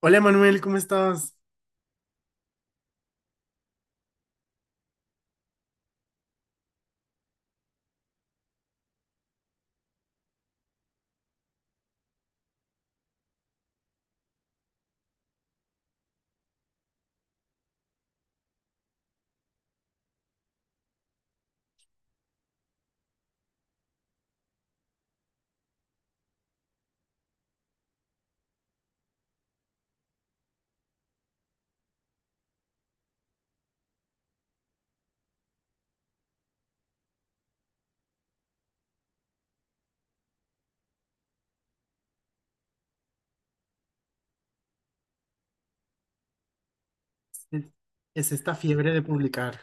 Hola Manuel, ¿Cómo estás? Es esta fiebre de publicar.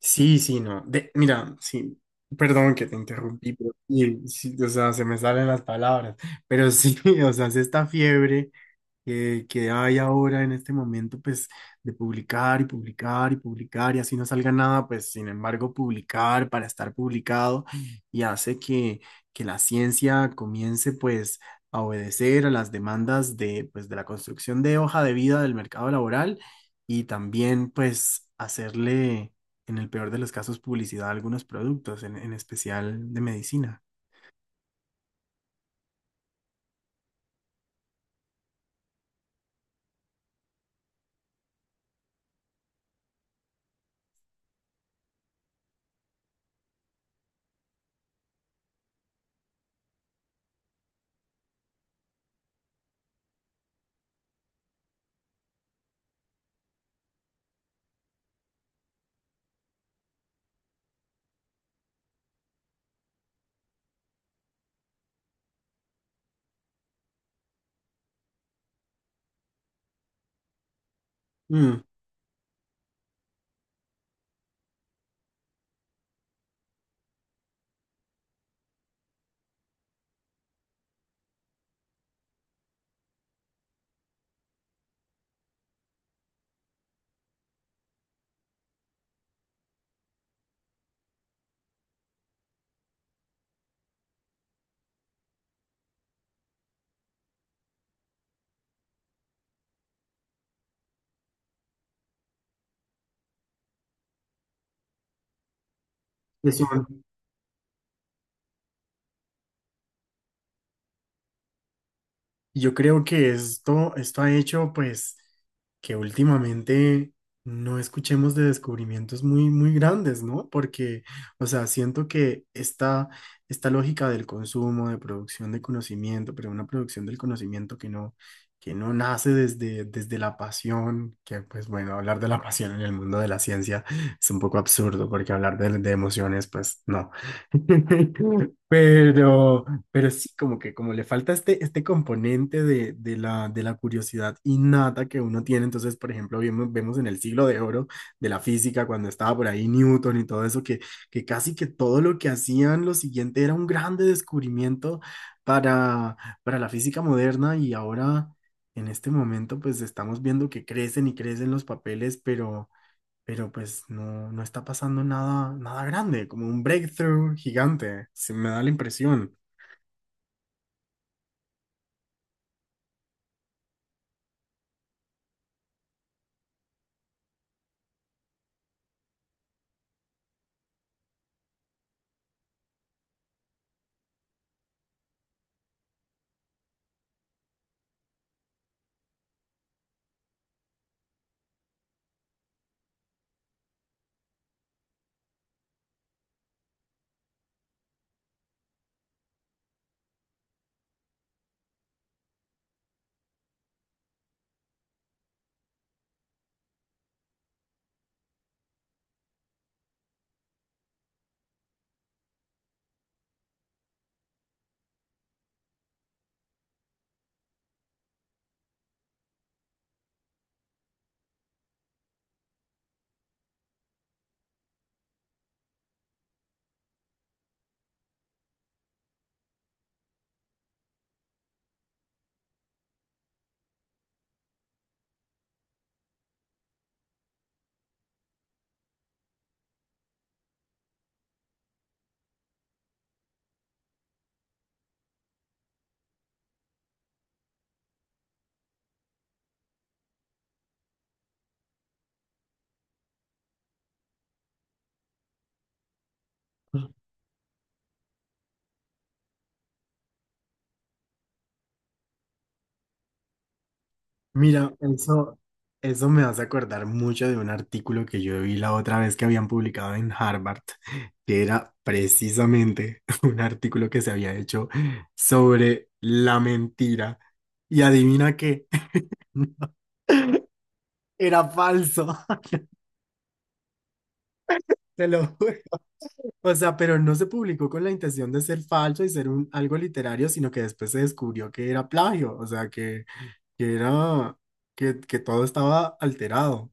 Sí, sí, no. Mira, sí, perdón que te interrumpí, pero sí, sí, o sea, se me salen las palabras, pero sí, o sea, es esta fiebre que hay ahora en este momento, pues, de publicar y publicar y publicar y así no salga nada, pues, sin embargo, publicar para estar publicado y hace que la ciencia comience, pues, a obedecer a las demandas de, pues, de la construcción de hoja de vida del mercado laboral y también, pues, hacerle, en el peor de los casos, publicidad a algunos productos, en especial de medicina. Mm, es un- Yo creo que esto ha hecho pues que últimamente no escuchemos de descubrimientos muy, muy grandes, ¿no? Porque, o sea, siento que esta lógica del consumo, de producción de conocimiento, pero una producción del conocimiento que no nace desde la pasión, que pues bueno, hablar de la pasión en el mundo de la ciencia es un poco absurdo, porque hablar de emociones, pues no. Pero... Pero sí, como que como le falta este componente de la curiosidad innata que uno tiene. Entonces, por ejemplo, vemos en el siglo de oro de la física, cuando estaba por ahí Newton y todo eso, que casi que todo lo que hacían, lo siguiente era un grande descubrimiento para, para la física moderna y ahora, en este momento, pues estamos viendo que crecen y crecen los papeles, pero pues no está pasando nada grande, como un breakthrough gigante. Se me da la impresión. Mira, eso me hace acordar mucho de un artículo que yo vi la otra vez que habían publicado en Harvard, que era precisamente un artículo que se había hecho sobre la mentira. Y adivina qué, era falso. Te lo juro. O sea, pero no se publicó con la intención de ser falso y ser algo literario, sino que después se descubrió que era plagio, o sea, que era, que todo estaba alterado.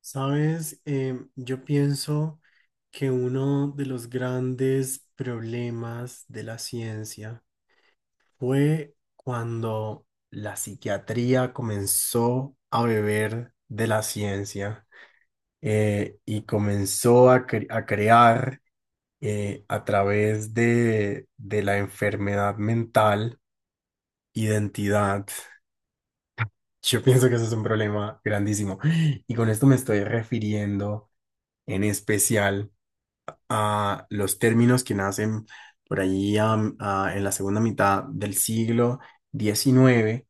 Sabes, yo pienso que uno de los grandes problemas de la ciencia fue cuando la psiquiatría comenzó a beber de la ciencia, y comenzó a crear, a través de la enfermedad mental, identidad. Yo pienso que eso es un problema grandísimo. Y con esto me estoy refiriendo en especial a los términos que nacen por ahí, en la segunda mitad del siglo XIX,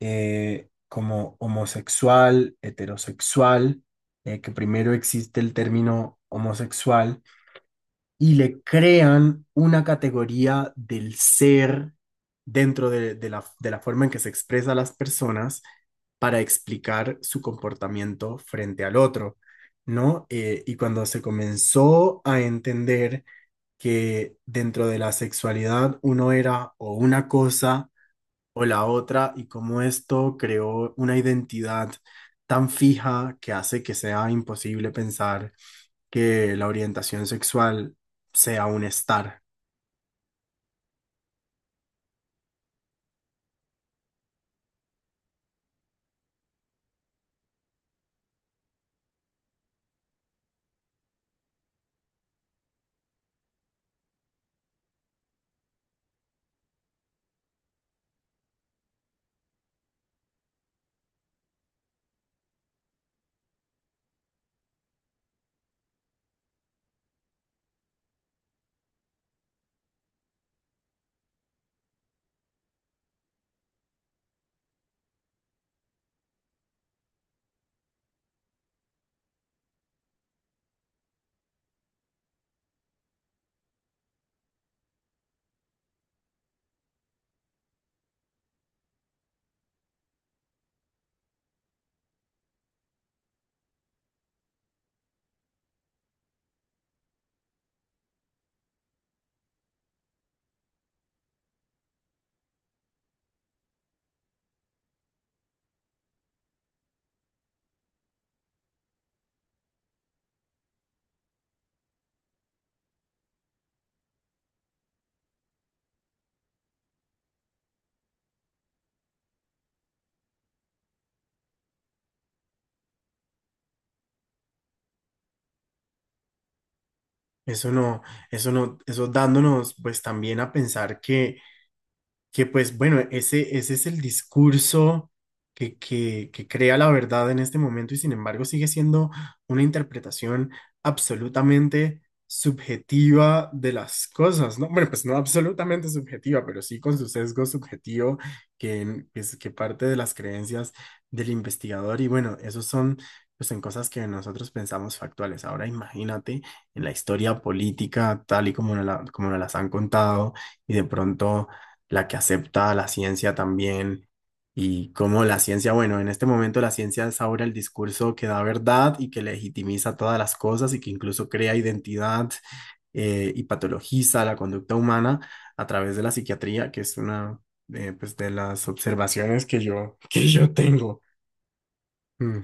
como homosexual, heterosexual. Que primero existe el término homosexual, y le crean una categoría del ser dentro de la forma en que se expresa las personas para explicar su comportamiento frente al otro, ¿no? Y cuando se comenzó a entender que dentro de la sexualidad uno era o una cosa o la otra, y cómo esto creó una identidad tan fija que hace que sea imposible pensar que la orientación sexual sea un estar. Eso no, eso no, eso dándonos pues también a pensar Que pues bueno, ese es el discurso que crea la verdad en este momento, y sin embargo sigue siendo una interpretación absolutamente subjetiva de las cosas, ¿no? Bueno, pues no absolutamente subjetiva, pero sí con su sesgo subjetivo que, en- que, es- que parte de las creencias del investigador. Y bueno, esos son, pues son cosas que nosotros pensamos factuales. Ahora imagínate en la historia política tal y como nos las han contado, y de pronto la que acepta la ciencia también, y cómo la ciencia, bueno, en este momento la ciencia es ahora el discurso que da verdad y que legitimiza todas las cosas y que incluso crea identidad, y patologiza la conducta humana a través de la psiquiatría, que es una, pues de las observaciones que yo, que yo tengo. Mm.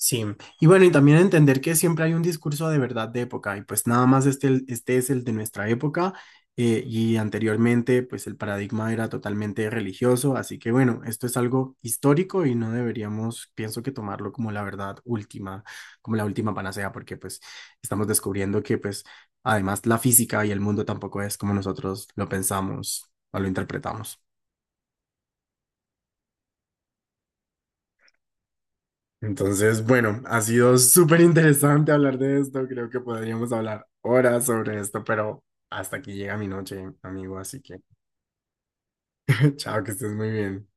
Sí, y bueno, y también entender que siempre hay un discurso de verdad de época, y pues nada más este es el de nuestra época, y anteriormente pues el paradigma era totalmente religioso, así que bueno, esto es algo histórico y no deberíamos, pienso, que tomarlo como la verdad última, como la última panacea, porque pues estamos descubriendo que pues además la física y el mundo tampoco es como nosotros lo pensamos o lo interpretamos. Entonces, bueno, ha sido súper interesante hablar de esto. Creo que podríamos hablar horas sobre esto, pero hasta aquí llega mi noche, amigo. Así que, chao, que estés muy bien.